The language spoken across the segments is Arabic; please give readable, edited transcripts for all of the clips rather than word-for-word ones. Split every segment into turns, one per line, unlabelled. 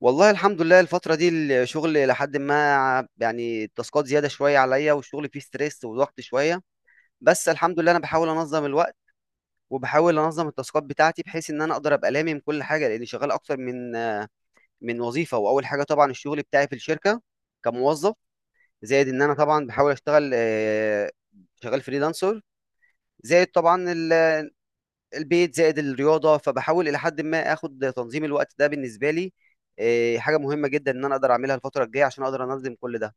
والله الحمد لله الفترة دي الشغل لحد ما يعني التاسكات زيادة شوية عليا والشغل فيه ستريس وضغط شوية. بس الحمد لله أنا بحاول أنظم الوقت وبحاول أنظم التاسكات بتاعتي بحيث إن أنا أقدر أبقى لامم كل حاجة لأني شغال أكتر من وظيفة، وأول حاجة طبعا الشغل بتاعي في الشركة كموظف، زائد إن أنا طبعا بحاول أشتغل، شغال فريلانسر، زائد طبعا البيت، زائد الرياضه. فبحاول الى حد ما اخد تنظيم الوقت ده بالنسبه لي. حاجه مهمه جدا ان انا اقدر اعملها الفتره الجايه عشان اقدر انظم كل ده.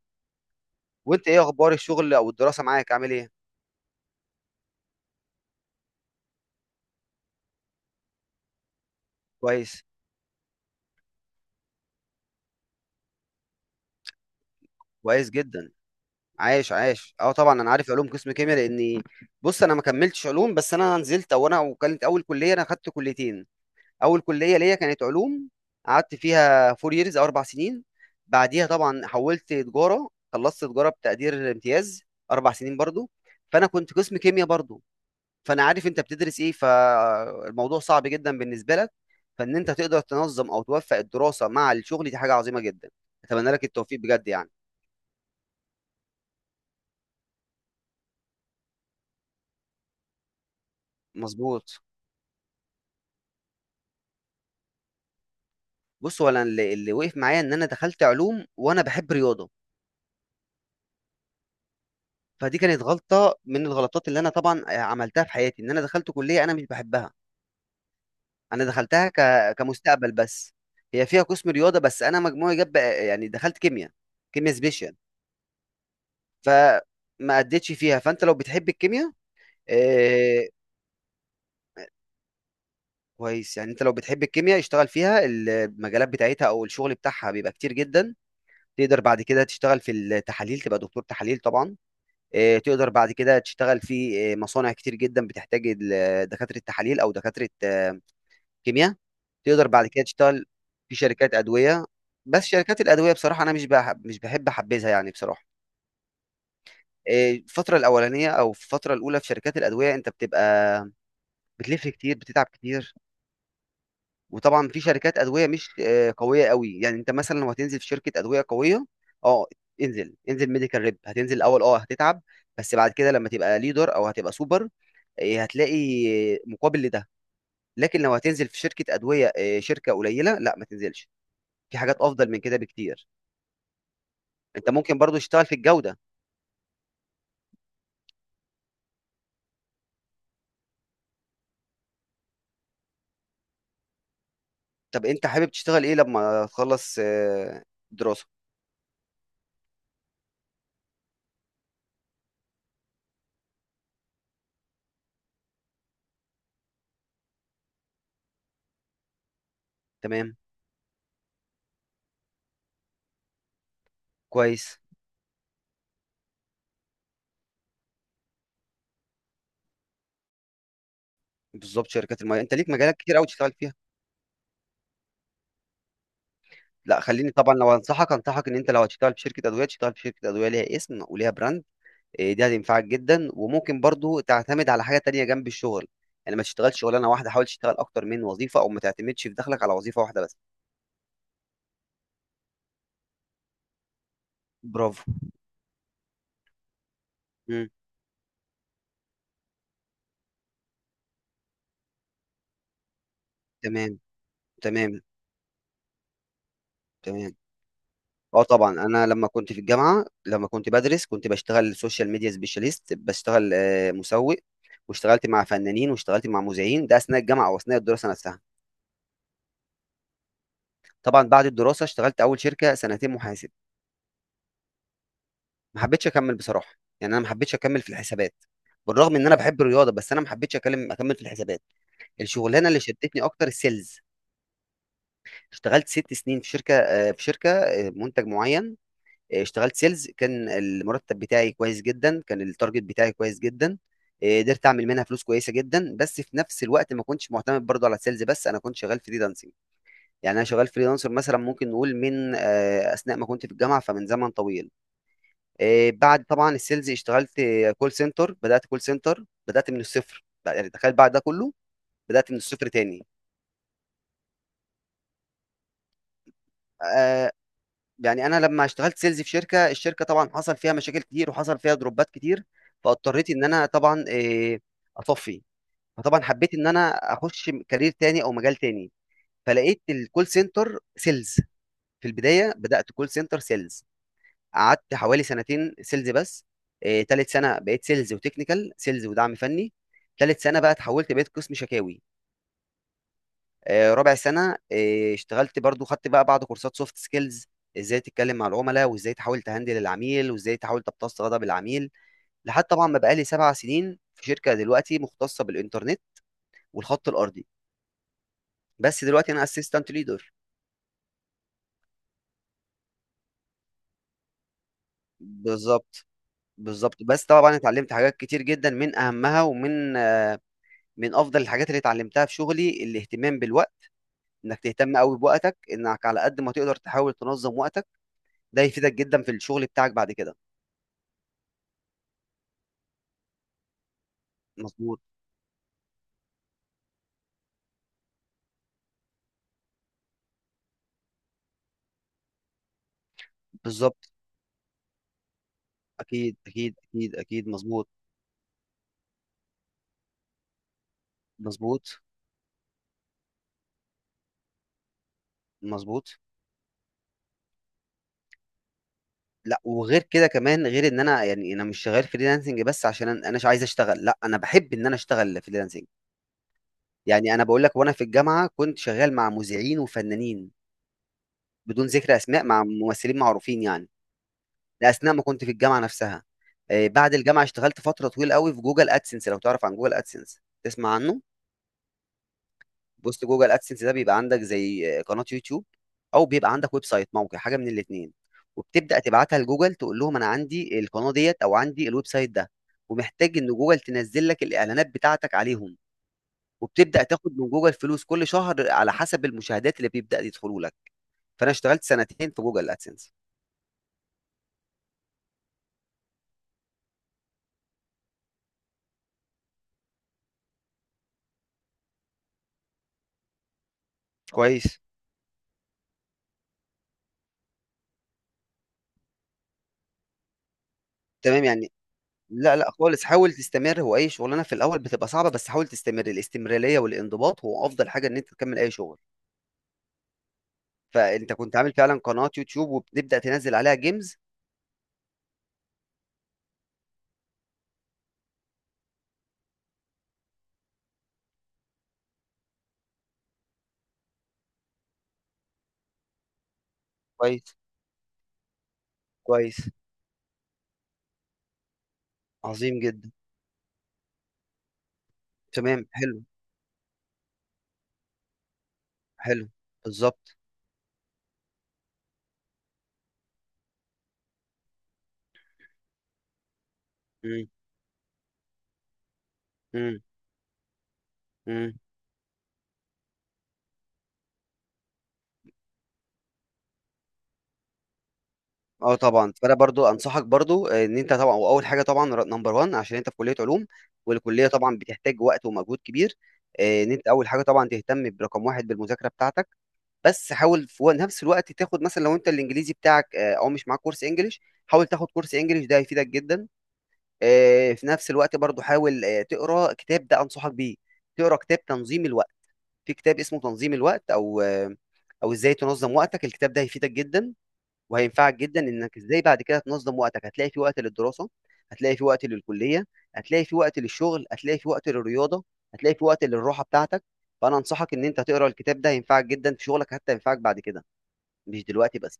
وانت ايه اخبار الشغل او الدراسه، معاك عامل ايه؟ كويس. كويس جدا. عايش عايش. اه، طبعا انا عارف علوم قسم كيمياء، لاني بص انا ما كملتش علوم، بس انا نزلت او انا وكانت اول كليه انا خدت كليتين. اول كليه ليا كانت علوم، قعدت فيها فور ييرز او اربع سنين، بعديها طبعا حولت تجاره، خلصت تجاره بتقدير امتياز، اربع سنين برضو. فانا كنت قسم كيمياء برضو، فانا عارف انت بتدرس ايه، فالموضوع صعب جدا بالنسبه لك. فان انت تقدر تنظم او توفق الدراسه مع الشغل، دي حاجه عظيمه جدا. اتمنى لك التوفيق بجد يعني. مظبوط. بص هو انا اللي وقف معايا ان انا دخلت علوم وانا بحب رياضه، فدي كانت غلطه من الغلطات اللي انا طبعا عملتها في حياتي، ان انا دخلت كليه انا مش بحبها. انا دخلتها كمستقبل بس. هي فيها قسم رياضه بس انا مجموعي جاب يعني دخلت كيمياء، كيمياء سبيشال. فما اديتش فيها. فانت لو بتحب الكيمياء، إيه... كويس، يعني انت لو بتحب الكيمياء اشتغل فيها، المجالات بتاعتها او الشغل بتاعها بيبقى كتير جدا. تقدر بعد كده تشتغل في التحاليل، تبقى دكتور تحاليل طبعا. تقدر بعد كده تشتغل في مصانع كتير جدا بتحتاج دكاتره التحاليل او دكاتره كيمياء. تقدر بعد كده تشتغل في شركات ادويه. بس شركات الادويه بصراحه انا مش بحب احبذها يعني بصراحه. الفتره الاولانيه او في الفتره الاولى في شركات الادويه انت بتبقى بتلف كتير، بتتعب كتير. وطبعا في شركات ادويه مش قويه قوي. يعني انت مثلا لو هتنزل في شركه ادويه قويه، اه انزل انزل ميديكال ريب. هتنزل الاول اه هتتعب، بس بعد كده لما تبقى ليدر او هتبقى سوبر، هتلاقي مقابل لده. لكن لو هتنزل في شركه ادويه شركه قليله، لا ما تنزلش، في حاجات افضل من كده بكتير. انت ممكن برضو تشتغل في الجودة. طب انت حابب تشتغل ايه لما تخلص دراسة؟ تمام. كويس. بالظبط، شركات المياه انت ليك مجالات كتير قوي تشتغل فيها. لا خليني طبعا لو انصحك ان انت لو هتشتغل في شركة ادوية تشتغل في شركة ادوية ليها اسم وليها براند. دي هتنفعك جدا، وممكن برضو تعتمد على حاجة تانية جنب الشغل. يعني ما تشتغلش شغلانة واحدة، حاول تشتغل اكتر من وظيفة، او ما تعتمدش في دخلك على وظيفة واحدة بس. برافو. مم. تمام. تمام. تمام. اه طبعا انا لما كنت في الجامعه، لما كنت بدرس كنت بشتغل سوشيال ميديا سبيشاليست، بشتغل مسوق. واشتغلت مع فنانين واشتغلت مع مذيعين، ده اثناء الجامعه واثناء الدراسه نفسها. طبعا بعد الدراسه اشتغلت اول شركه سنتين محاسب، ما حبيتش اكمل بصراحه. يعني انا ما حبيتش اكمل في الحسابات، بالرغم ان انا بحب الرياضه، بس انا ما حبيتش اكمل في الحسابات. الشغلانه اللي شدتني اكتر السيلز. اشتغلت ست سنين في شركه منتج معين. اشتغلت سيلز، كان المرتب بتاعي كويس جدا، كان التارجت بتاعي كويس جدا. قدرت اعمل منها فلوس كويسه جدا، بس في نفس الوقت ما كنتش معتمد برضو على السيلز بس، انا كنت شغال فريلانسنج. يعني انا شغال فريلانسر مثلا، ممكن نقول من اثناء ما كنت في الجامعه، فمن زمن طويل. بعد طبعا السيلز اشتغلت كول سنتر بدات من الصفر، يعني تخيل بعد ده كله بدات من الصفر تاني. آه، يعني انا لما اشتغلت سيلز في الشركه طبعا حصل فيها مشاكل كتير وحصل فيها دروبات كتير، فاضطريت ان انا طبعا اطفي. فطبعا حبيت ان انا اخش كارير تاني او مجال تاني، فلقيت الكول سنتر سيلز. في البدايه بدات كول سنتر سيلز، قعدت حوالي سنتين سيلز بس. تالت سنه بقيت سيلز وتكنيكال سيلز ودعم فني. تالت سنه بقى اتحولت بقيت قسم شكاوي ربع سنة. اشتغلت برضو، خدت بقى بعض كورسات سوفت سكيلز، ازاي تتكلم مع العملاء وازاي تحاول تهندل العميل وازاي تحاول تمتص غضب العميل، لحد طبعا ما بقالي سبع سنين في شركة دلوقتي مختصة بالإنترنت والخط الأرضي، بس دلوقتي أنا اسيستنت ليدر. بالظبط. بالظبط، بس طبعا اتعلمت حاجات كتير جدا، من أهمها ومن من أفضل الحاجات اللي اتعلمتها في شغلي الاهتمام بالوقت، انك تهتم قوي بوقتك، انك على قد ما تقدر تحاول تنظم وقتك، ده يفيدك جدا في الشغل بتاعك بعد كده. مظبوط. بالظبط. اكيد، اكيد، اكيد، اكيد، مظبوط. مظبوط. مظبوط. لا، وغير كده كمان، غير ان انا يعني انا مش شغال فريلانسنج بس عشان انا أناش عايز اشتغل، لا انا بحب ان انا اشتغل فريلانسنج. يعني انا بقول لك، وانا في الجامعه كنت شغال مع مذيعين وفنانين، بدون ذكر اسماء، مع ممثلين معروفين يعني. ده اثناء ما كنت في الجامعه نفسها. بعد الجامعه اشتغلت فتره طويله قوي في جوجل ادسنس. لو تعرف عن جوجل ادسنس تسمع عنه، بوست جوجل ادسنس ده بيبقى عندك زي قناه يوتيوب او بيبقى عندك ويب سايت، موقع، حاجه من الاثنين، وبتبدا تبعتها لجوجل، تقول لهم انا عندي القناه ديت او عندي الويب سايت ده، ومحتاج ان جوجل تنزل لك الاعلانات بتاعتك عليهم، وبتبدا تاخد من جوجل فلوس كل شهر على حسب المشاهدات اللي بيبدا يدخلوا لك. فانا اشتغلت سنتين في جوجل ادسنس. كويس. تمام يعني. لا لا خالص، حاول تستمر، هو اي شغلانه في الاول بتبقى صعبه، بس حاول تستمر، الاستمراريه والانضباط هو افضل حاجه ان انت تكمل اي شغل. فانت كنت عامل فعلا قناة يوتيوب وبتبدأ تنزل عليها جيمز. كويس. كويس. عظيم جدا. تمام، حلو. حلو. بالظبط. مم، مم. مم. اه طبعا، فانا برضو انصحك برضو ان انت طبعا، واول حاجه طبعا نمبر 1، عشان انت في كليه علوم، والكليه طبعا بتحتاج وقت ومجهود كبير. ان انت اول حاجه طبعا تهتم برقم واحد بالمذاكره بتاعتك. بس حاول في نفس الوقت تاخد مثلا لو انت الانجليزي بتاعك او مش معاك كورس انجليش، حاول تاخد كورس انجليش، ده هيفيدك جدا. في نفس الوقت برضو حاول تقرا كتاب، ده انصحك بيه، تقرا كتاب تنظيم الوقت. في كتاب اسمه تنظيم الوقت او او ازاي تنظم وقتك. الكتاب ده هيفيدك جدا وهينفعك جدا انك ازاي بعد كده تنظم وقتك. هتلاقي في وقت للدراسة، هتلاقي في وقت للكلية، هتلاقي في وقت للشغل، هتلاقي في وقت للرياضة، هتلاقي في وقت للراحة بتاعتك. فانا انصحك ان انت تقرا الكتاب ده، هينفعك جدا في شغلك حتى ينفعك بعد كده، مش دلوقتي بس.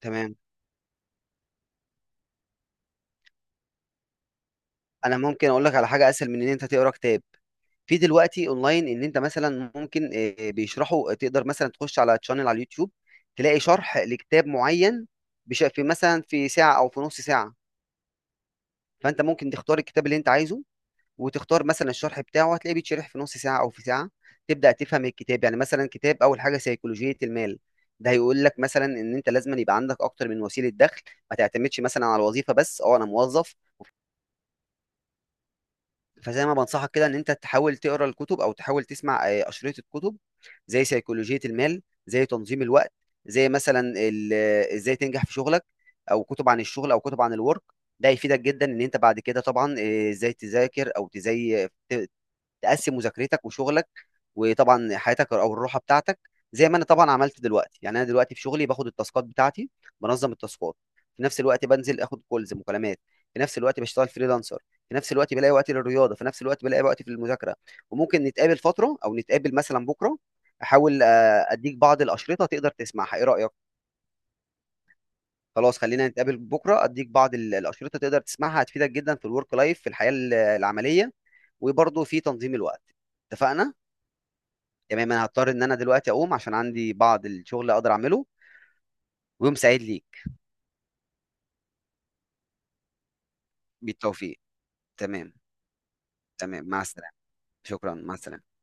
تمام. انا ممكن اقول لك على حاجة اسهل من ان انت تقرا كتاب. في دلوقتي اونلاين، ان انت مثلا ممكن بيشرحوا، تقدر مثلا تخش على تشانل على اليوتيوب تلاقي شرح لكتاب معين، في مثلا في ساعة او في نص ساعة. فانت ممكن تختار الكتاب اللي انت عايزه، وتختار مثلا الشرح بتاعه هتلاقيه بيتشرح في نص ساعة او في ساعة، تبدأ تفهم الكتاب. يعني مثلا كتاب اول حاجة سيكولوجية المال، ده هيقول لك مثلا ان انت لازم يبقى عندك اكتر من وسيله دخل، ما تعتمدش مثلا على الوظيفه بس، اه انا موظف. فزي ما بنصحك كده، ان انت تحاول تقرا الكتب او تحاول تسمع اشرطه الكتب، زي سيكولوجيه المال، زي تنظيم الوقت، زي مثلا ازاي تنجح في شغلك، او كتب عن الشغل او كتب عن الورك. ده هيفيدك جدا ان انت بعد كده طبعا ازاي تذاكر او تقسم مذاكرتك وشغلك، وطبعًا حياتك أو الراحة بتاعتك، زي ما أنا طبعًا عملت دلوقتي. يعني أنا دلوقتي في شغلي باخد التاسكات بتاعتي، بانظم التاسكات، في نفس الوقت بانزل آخد calls مكالمات، في نفس الوقت باشتغل freelancer، في نفس الوقت بالاقي وقت للرياضة، في نفس الوقت بالاقي وقت في المذاكرة، وممكن نتقابل فترة أو نتقابل مثلًا بكرة، أحاول أدّيك بعض الأشرطة تقدر تسمعها، إيه رأيك؟ خلاص، خلّينا نتقابل بكرة أدّيك بعض الأشرطة تقدر تسمعها، هتفيدك جدًا في الwork life، في الحياة العملية، وبرضه في تنظيم الوقت، اتفقنا؟ تمام، انا هضطر ان انا دلوقتي اقوم، عشان عندي بعض الشغل اقدر اعمله، ويوم سعيد ليك. بالتوفيق. تمام. تمام، مع السلامه. شكرا، مع السلامه.